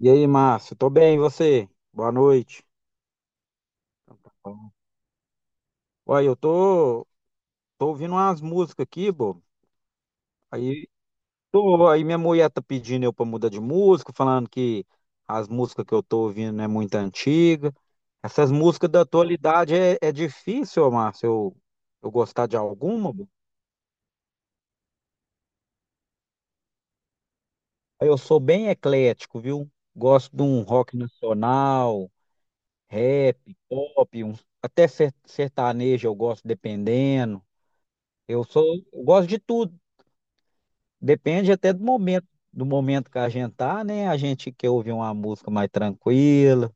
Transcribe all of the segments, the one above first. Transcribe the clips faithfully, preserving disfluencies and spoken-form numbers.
E aí, Márcio? Tô bem, e você? Boa noite. Então tá bom. Olha, eu tô, tô ouvindo umas músicas aqui, bo. Aí, tô, aí minha mulher tá pedindo eu pra mudar de música, falando que as músicas que eu tô ouvindo não é muito antiga. Essas músicas da atualidade é, é difícil, ô, Márcio, eu, eu gostar de alguma, pô. Aí eu sou bem eclético, viu? Gosto de um rock nacional, rap, pop, um, até ser- sertanejo eu gosto, dependendo. Eu sou, eu gosto de tudo. Depende até do momento, do momento que a gente tá, né? A gente quer ouvir uma música mais tranquila.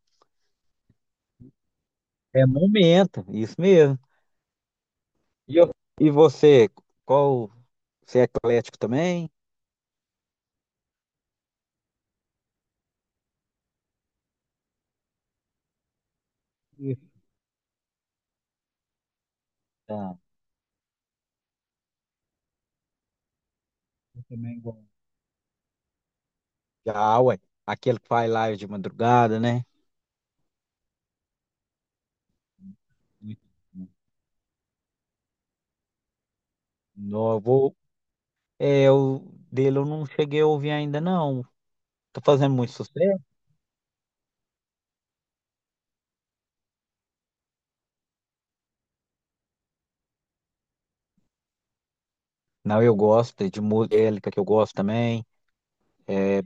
É momento, isso mesmo. E, eu- e você, qual, você é eclético também? Isso, tá. Eu também gosto. Já, ué. Aquele que faz live de madrugada, né? Muito bom. Não, eu vou. É, eu, dele eu não cheguei a ouvir ainda, não. Tá fazendo muito sucesso? Não, eu gosto de música que eu gosto também. É,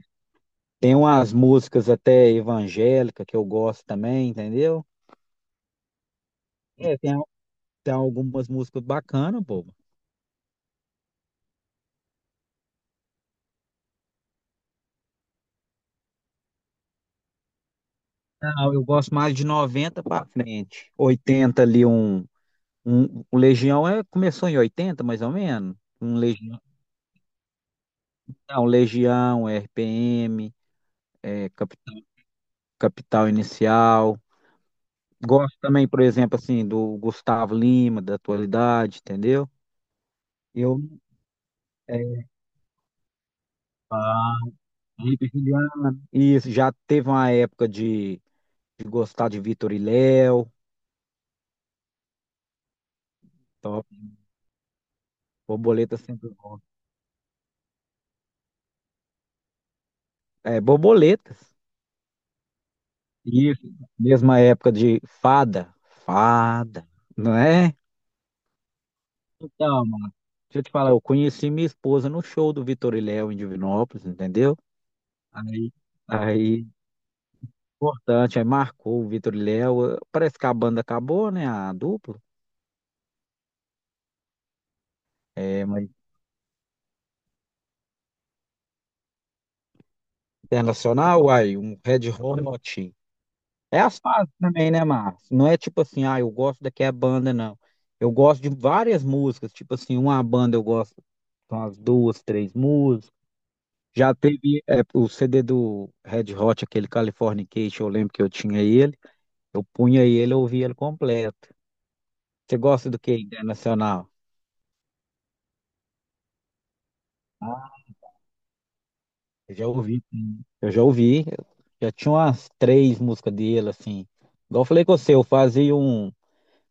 Tem umas músicas até evangélica que eu gosto também, entendeu? É, tem, tem algumas músicas bacanas, bobo. Não, eu gosto mais de noventa pra frente. oitenta ali, um, um, o Legião é, começou em oitenta mais ou menos. Um Legião, não, Legião, R P M, é, capital Capital Inicial. Gosto também, por exemplo, assim, do Gustavo Lima, da atualidade, entendeu? Eu, é, Ah, Felipe Juliano. Isso, já teve uma época de de gostar de Vitor e Léo. Top. Borboletas sempre bom. É, borboletas. Isso. Mesma época de fada. Fada. Não é? Então, mano. Deixa eu te falar, eu conheci minha esposa no show do Vitor e Léo em Divinópolis, entendeu? Aí, aí, importante, aí marcou o Vitor e Léo. Parece que a banda acabou, né? A dupla. É, mas internacional, aí, um Red Hot. É as fases também, né, Márcio? Não é tipo assim, ah, eu gosto daqui a banda, não. Eu gosto de várias músicas, tipo assim, uma banda eu gosto de umas duas, três músicas. Já teve é, o C D do Red Hot, aquele Californication, eu lembro que eu tinha ele. Eu punha ele, eu ouvia ele completo. Você gosta do que internacional? Ah, eu já ouvi, sim. Eu já ouvi. Eu já tinha umas três músicas dele, assim. Igual eu falei com você, eu fazia um,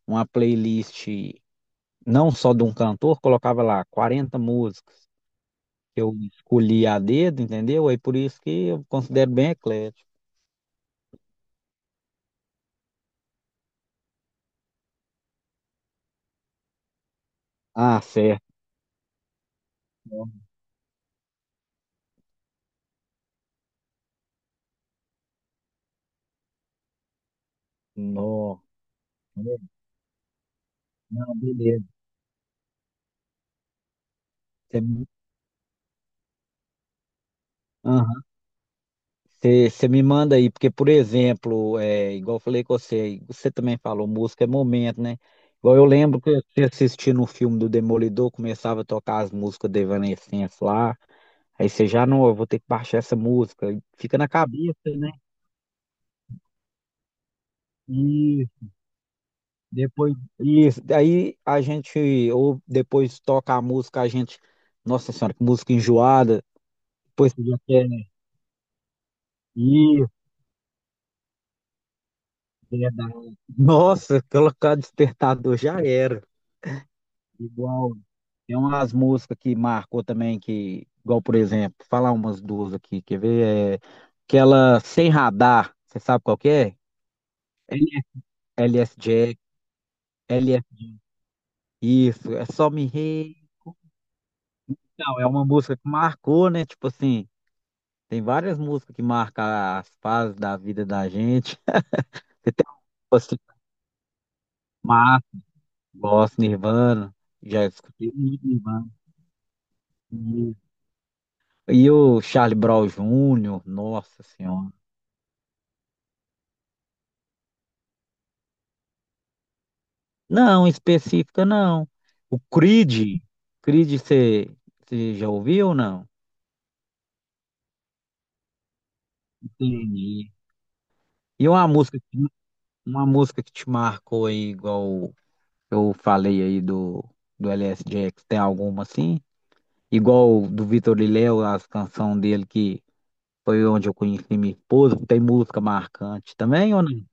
uma playlist não só de um cantor, colocava lá quarenta músicas que eu escolhi a dedo, entendeu? Aí por isso que eu considero bem eclético. Ah, certo. Não, não, beleza. Você me aham. Você- você me manda aí, porque, por exemplo, é, igual eu falei com você, você também falou, música é momento, né? Igual eu lembro que você assistindo o filme do Demolidor, começava a tocar as músicas da Evanescence lá, aí você já, não, eu vou ter que baixar essa música, e fica na cabeça, né? Depois, isso, aí a gente, ou depois toca a música, a gente, nossa senhora, que música enjoada, depois você já quer ir, verdade. Nossa, colocar despertador já era. Igual, tem umas músicas que marcou também, que, igual, por exemplo, falar umas duas aqui, quer ver? É, aquela Sem Radar, você sabe qual que é? L S Jack, L S, isso, é só me rei. Não, é uma música que marcou, né? Tipo assim, Tem várias músicas que marcam as fases da vida da gente. Você tem assim, Márcio, gosto, Nirvana, já escutei muito Nirvana. E e o Charlie Brown júnior, nossa senhora. Não, específica não. O Creed, Creed, você você já ouviu ou não? Entendi. E uma música, que- uma música que te marcou aí, igual eu falei aí do, do L. S. Jackson, tem alguma assim? Igual do Vitor Liléo, as canções dele que foi onde eu conheci minha esposa, tem música marcante também ou não?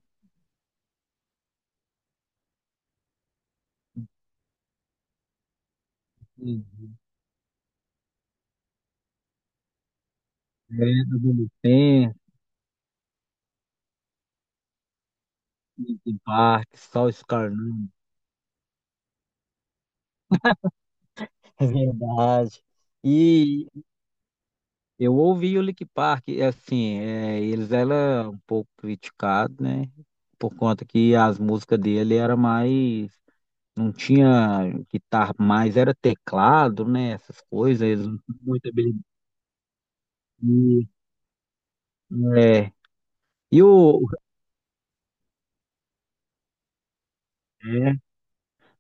Sim, É, do Adolescência, Linkin Park, Só Escarnando. É verdade. E eu ouvi o Linkin Park, e, assim, é, eles eram um pouco criticados, né? Por conta que as músicas dele era mais, não tinha guitarra mais, era teclado, né? Essas coisas, eles não tinham muita habilidade, né? E o. É.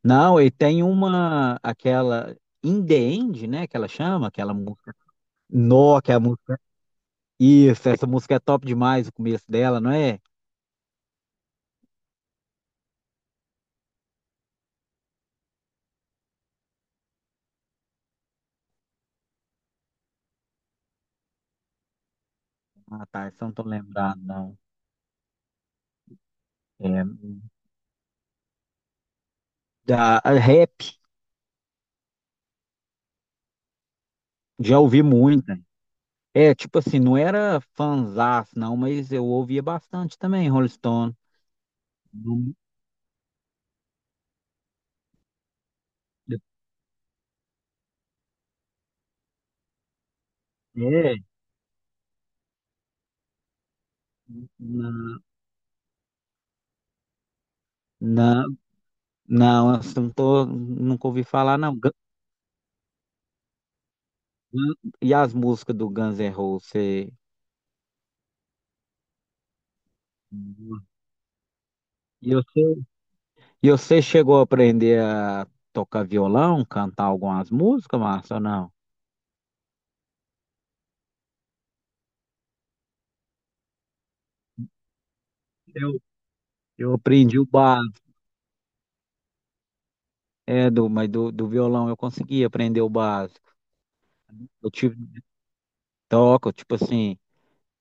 Não, e tem uma. Aquela. In the End, né? Que ela chama, aquela música. Nó, que é a música. Isso, essa música é top demais, o começo dela, não é? Ah, tá, essa eu não tô lembrado, não. É, da a rap, já ouvi muito. É, tipo assim, não era fanzaço, não, mas eu ouvia bastante também, Rolling Stone. Não- É, na, na, não, assim, não tô, nunca ouvi falar, não. Hum, e as músicas do Guns N' Roses, você... E você... e você chegou a aprender a tocar violão, cantar algumas músicas, Márcio, ou não? Eu, eu aprendi o básico, é, do, mas do, do violão eu consegui aprender o básico. Eu tive, toco, tipo assim,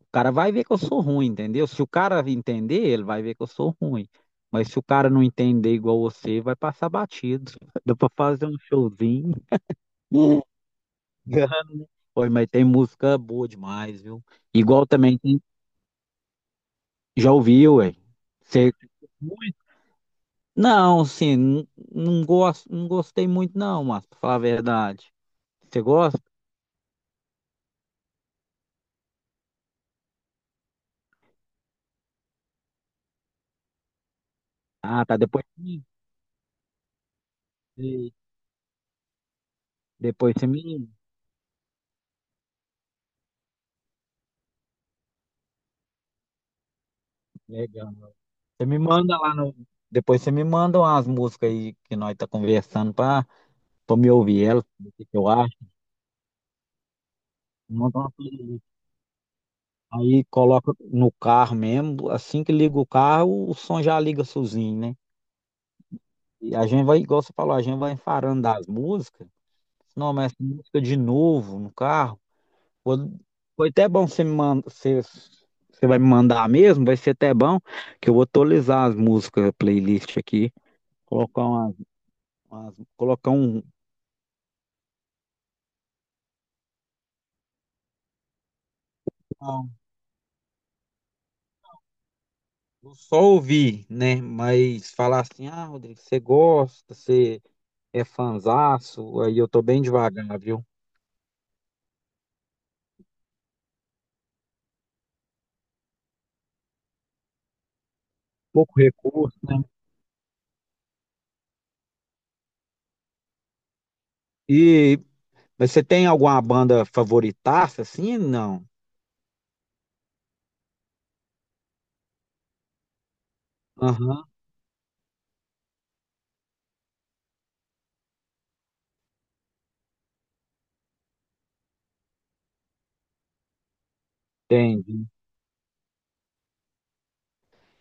o cara vai ver que eu sou ruim, entendeu? Se o cara entender, ele vai ver que eu sou ruim. Mas se o cara não entender igual você, vai passar batido. Dá pra fazer um showzinho. Oi, mas tem música boa demais, viu? Igual também tem. Já ouviu, ué? Você. Não, assim, n- não gosto, não gostei muito, não, mas pra falar a verdade. Você gosta? Ah, tá. Depois, me- de- depois você me. Legal. Você me manda lá no. Depois você me manda umas músicas aí que nós tá conversando pra, pra me ouvir elas, ver o que que eu acho. Manda uma playlist. Aí coloca no carro mesmo. Assim que liga o carro, o som já liga sozinho, né? E a gente vai, igual você falou, a gente vai enfarando das músicas. Não, mas essa música de novo no carro. Foi, foi até bom você me manda, você, você vai me mandar mesmo, vai ser até bom, que eu vou atualizar as músicas, playlist aqui, colocar umas, umas- colocar um, um- só ouvir, né? Mas falar assim, ah, Rodrigo, você gosta, você é fanzaço, aí eu tô bem devagar, viu? Pouco recurso, né? E, mas você tem alguma banda favoritaça, assim? Não. Aham, entendi.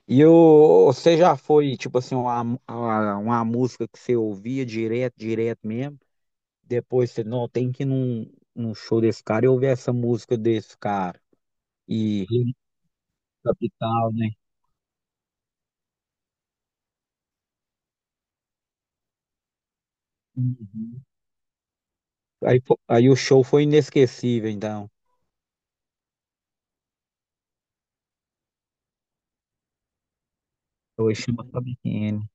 E o, você já foi, tipo assim, uma, uma, uma música que você ouvia direto, direto mesmo? Depois você, não, tem que ir num, num show desse cara e ouvir essa música desse cara. E Rio Capital, né? Uhum. Aí, fo- aí o show foi inesquecível, então. Hoje chama Sabiquine.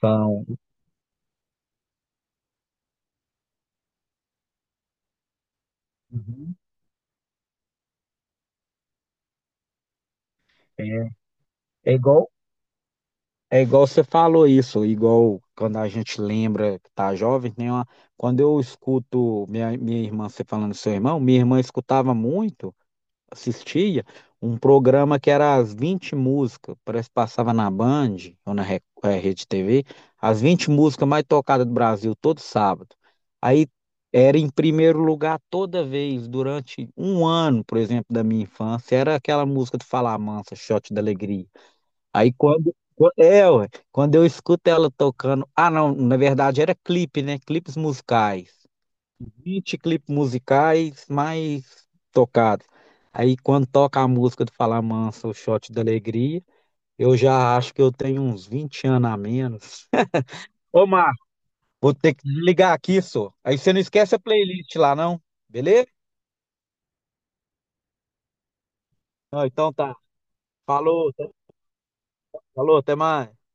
São. Uhum. É, é igual É igual você falou isso, igual quando a gente lembra que tá jovem, tem uma... quando eu escuto minha, minha irmã, você falando do seu irmão, minha irmã escutava muito, assistia um programa que era as vinte músicas, parece que passava na Band ou na Re- eh, Rede T V, as vinte músicas mais tocadas do Brasil todo sábado. Aí era em primeiro lugar toda vez, durante um ano, por exemplo, da minha infância, era aquela música do Fala Mansa, Shot da Alegria. Aí quando quan- é, ué, quando eu escuto ela tocando, ah não, na verdade era clipe, né? Clipes musicais. Vinte clipes musicais mais tocados. Aí quando toca a música do Fala Mansa, o Shot da Alegria, eu já acho que eu tenho uns vinte anos a menos. Ô, Marco, vou ter que ligar aqui, só. Aí você não esquece a playlist lá, não? Beleza? Não, então tá. Falou, tá- falou, até mais.